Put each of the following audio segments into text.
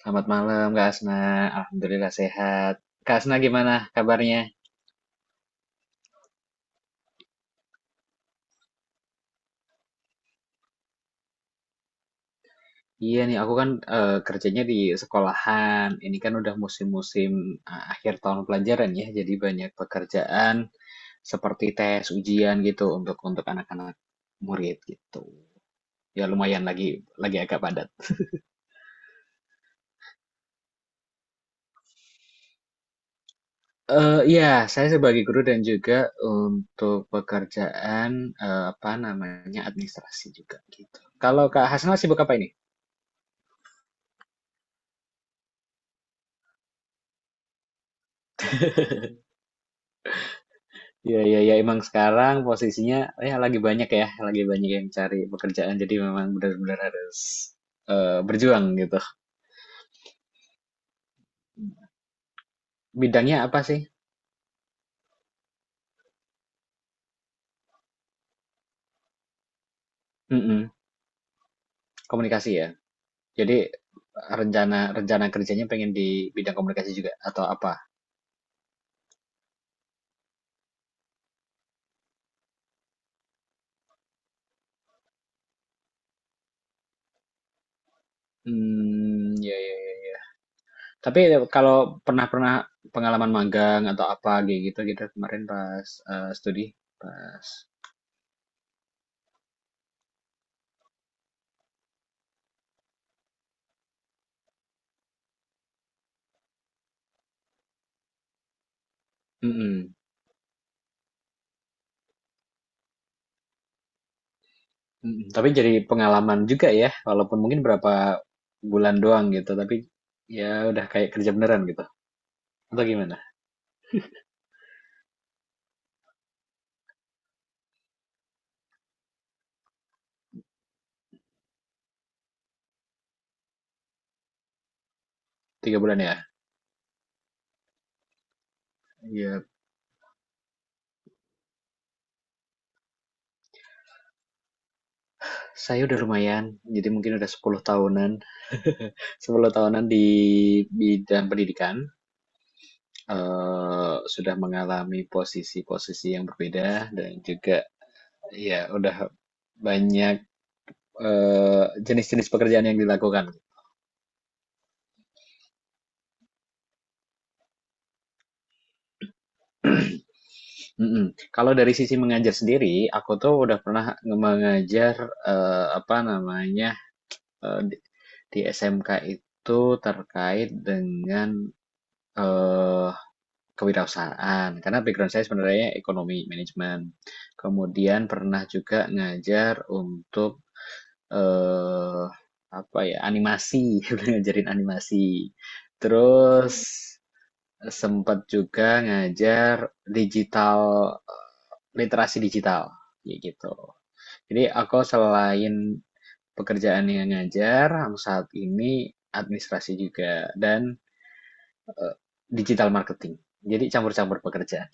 Selamat malam Kak Asna, Alhamdulillah sehat. Kak Asna gimana kabarnya? Iya nih, aku kan kerjanya di sekolahan. Ini kan udah musim-musim akhir tahun pelajaran ya, jadi banyak pekerjaan seperti tes, ujian gitu untuk anak-anak murid gitu. Ya lumayan lagi agak padat. Ya, saya sebagai guru dan juga untuk pekerjaan apa namanya administrasi juga gitu. Kalau Kak Hasna sibuk apa ini? Iya, iya, iya. Emang sekarang posisinya ya, lagi banyak yang cari pekerjaan. Jadi memang benar-benar harus berjuang gitu. Bidangnya apa sih? Mm-mm, komunikasi ya. Jadi rencana rencana kerjanya pengen di bidang komunikasi juga atau apa? Hmm, ya, ya, ya, ya. Tapi kalau pernah pernah pengalaman magang atau apa kayak gitu gitu kemarin pas studi, pas. Mm-mm. Mhm, tapi jadi pengalaman juga ya, walaupun mungkin berapa bulan doang gitu, tapi ya udah kayak kerja beneran gitu. Atau gimana? 3 bulan ya? Iya. Saya udah lumayan, jadi mungkin udah 10 tahunan. 10 tahunan di bidang pendidikan, sudah mengalami posisi-posisi yang berbeda dan juga ya udah banyak jenis-jenis pekerjaan yang dilakukan. Mhm. Kalau dari sisi mengajar sendiri, aku tuh udah pernah mengajar, apa namanya, eee, di di SMK itu terkait dengan, eee, kewirausahaan. Karena background saya sebenarnya ekonomi, manajemen. Kemudian pernah juga ngajar untuk, eee, apa ya, animasi, ngajarin animasi. Mmm. Terus sempat juga ngajar digital, literasi digital, kayak gitu. Jadi aku selain pekerjaan yang ngajar, aku saat ini administrasi juga dan eh, digital marketing. Jadi campur-campur pekerjaan.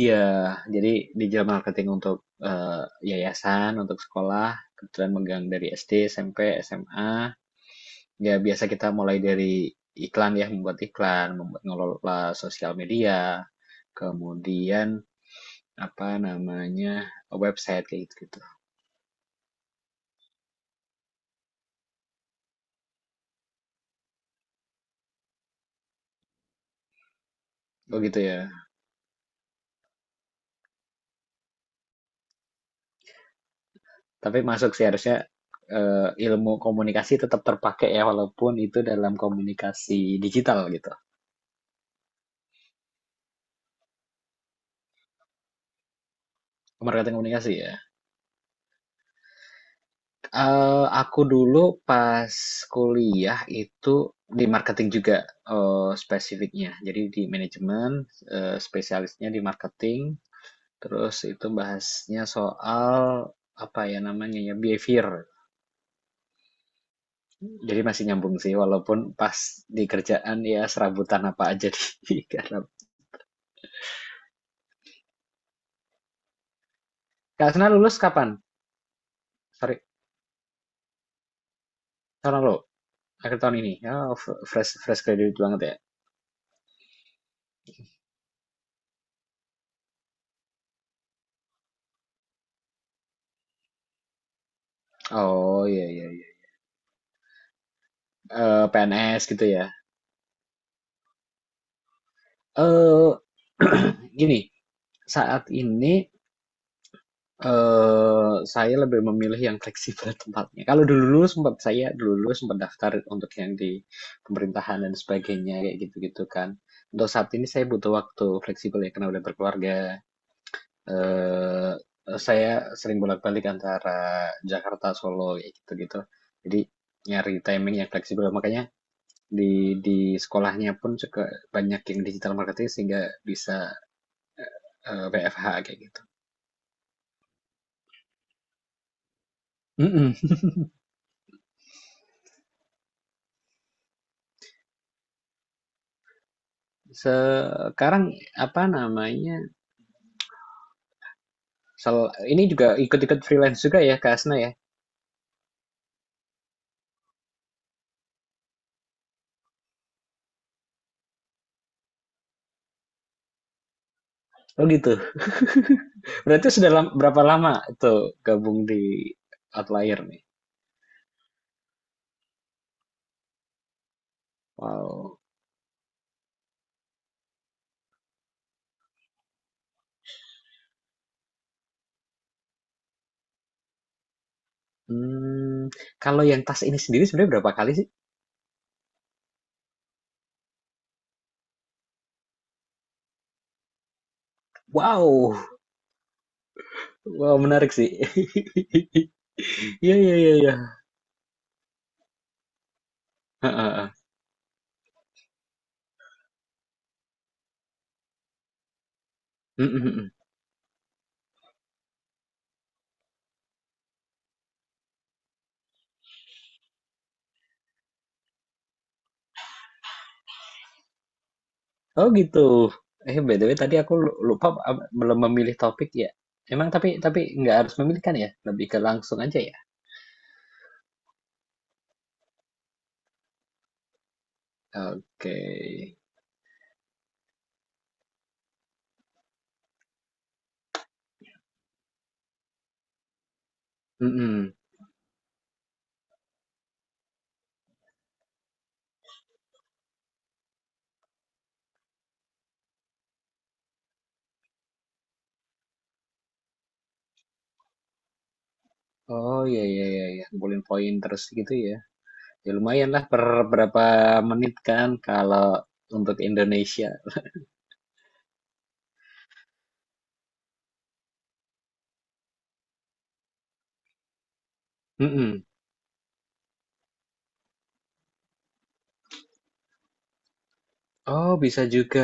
Iya, jadi digital marketing untuk eh, yayasan, untuk sekolah, kebetulan megang dari SD, SMP, SMA. Ya biasa kita mulai dari iklan ya, membuat iklan, membuat ngelola sosial media. Kemudian apa namanya, website kayak gitu gitu. Oh gitu ya. Tapi masuk sih harusnya ilmu komunikasi tetap terpakai ya walaupun itu dalam komunikasi digital gitu. Marketing komunikasi ya. Eh, aku dulu pas kuliah itu di marketing juga spesifiknya. Jadi di manajemen, spesialisnya di marketing. Terus itu bahasnya soal apa ya namanya ya behavior. Jadi masih nyambung sih, walaupun pas di kerjaan ya serabutan apa aja di karena Kak Asna lulus kapan? Sorry, tahun lalu, akhir tahun ini. Oh, fresh fresh graduate banget ya. Oh iya iya iya. Eh, PNS gitu ya. Eh gini, saat ini saya lebih memilih yang fleksibel tempatnya. Kalau dulu sempat saya dulu dulu sempat daftar untuk yang di pemerintahan dan sebagainya kayak gitu-gitu kan. Untuk saat ini saya butuh waktu fleksibel ya karena udah berkeluarga eh saya sering bolak-balik antara Jakarta, Solo, kayak gitu-gitu. Jadi nyari timing yang fleksibel. Makanya di sekolahnya pun juga banyak yang digital marketing sehingga bisa WFH kayak gitu. Mm-mm. Sekarang apa namanya? Ini juga ikut-ikut freelance juga ya, Kak Asna ya? Oh gitu. Berarti sudah berapa lama tuh gabung di Outlier nih? Wow. Hmm, kalau yang tas ini sendiri sebenarnya berapa kali sih? Wow, wow menarik sih. Iya iya iya iya. Heeh, heeh. Mm, mm, mm. Oh gitu. Eh BTW tadi aku lupa belum memilih topik ya. Emang tapi nggak harus memilih kan ya? Lebih ke langsung aja ya. Oke. Mm-mm. Oh iya iya iya iya. Ngumpulin poin terus gitu ya. Ya lumayan lah per berapa menit kan kalau untuk Indonesia. Mm-mm. Oh bisa juga.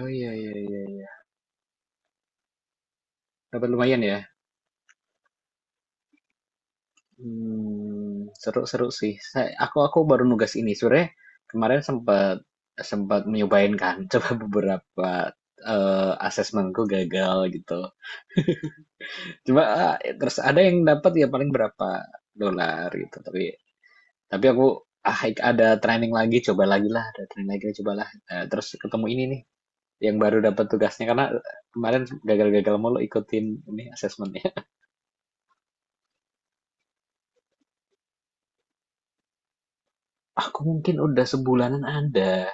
Oh iya iya iya. Iya. Dapat lumayan ya. Hmm, seru-seru sih. Aku baru nugas ini sore. Kemarin sempat sempat nyobain kan. Coba beberapa asesmenku gagal gitu. Cuma ah, terus ada yang dapat ya paling berapa dolar gitu. Tapi aku ah ada training lagi, coba lagi lah, ada training lagi, coba lah. Eh, terus ketemu ini nih yang baru dapat tugasnya karena kemarin gagal-gagal mulu ikutin ini asesmennya. Aku mungkin udah sebulanan ada.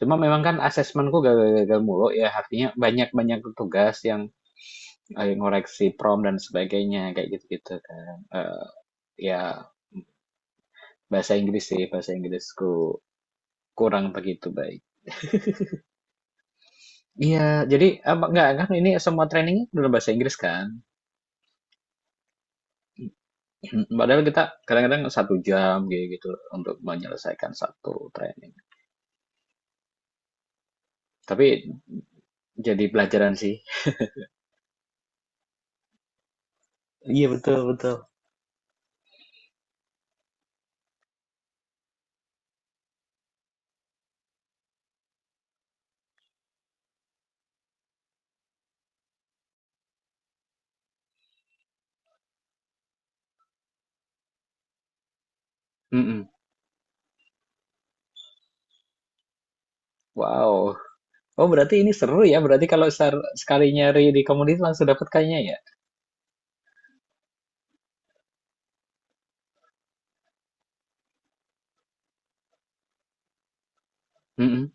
Cuma memang kan asesmenku gagal-gagal mulu ya, artinya banyak-banyak tugas yang ngoreksi prom dan sebagainya, kayak gitu-gitu kan. Ya, bahasa Inggris sih, bahasa Inggrisku kurang begitu baik. Iya, jadi apa enggak kan ini semua trainingnya dalam bahasa Inggris kan. Padahal kita kadang-kadang 1 jam kayak gitu untuk menyelesaikan 1 training. Tapi jadi pelajaran sih. Iya betul betul. Mm-mm. Wow. Oh berarti ini seru ya. Berarti kalau sekali nyari di komunitas langsung dapat kayaknya ya. Mhm,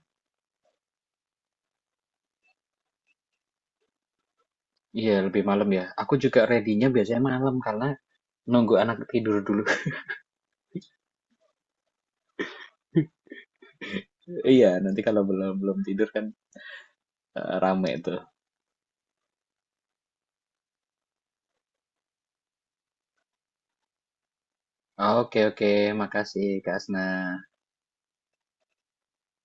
iya lebih malam ya. Aku juga ready-nya biasanya malam karena nunggu anak tidur dulu. Iya, nanti kalau belum belum tidur kan rame tuh. Oke, oke, makasih Kak Asna.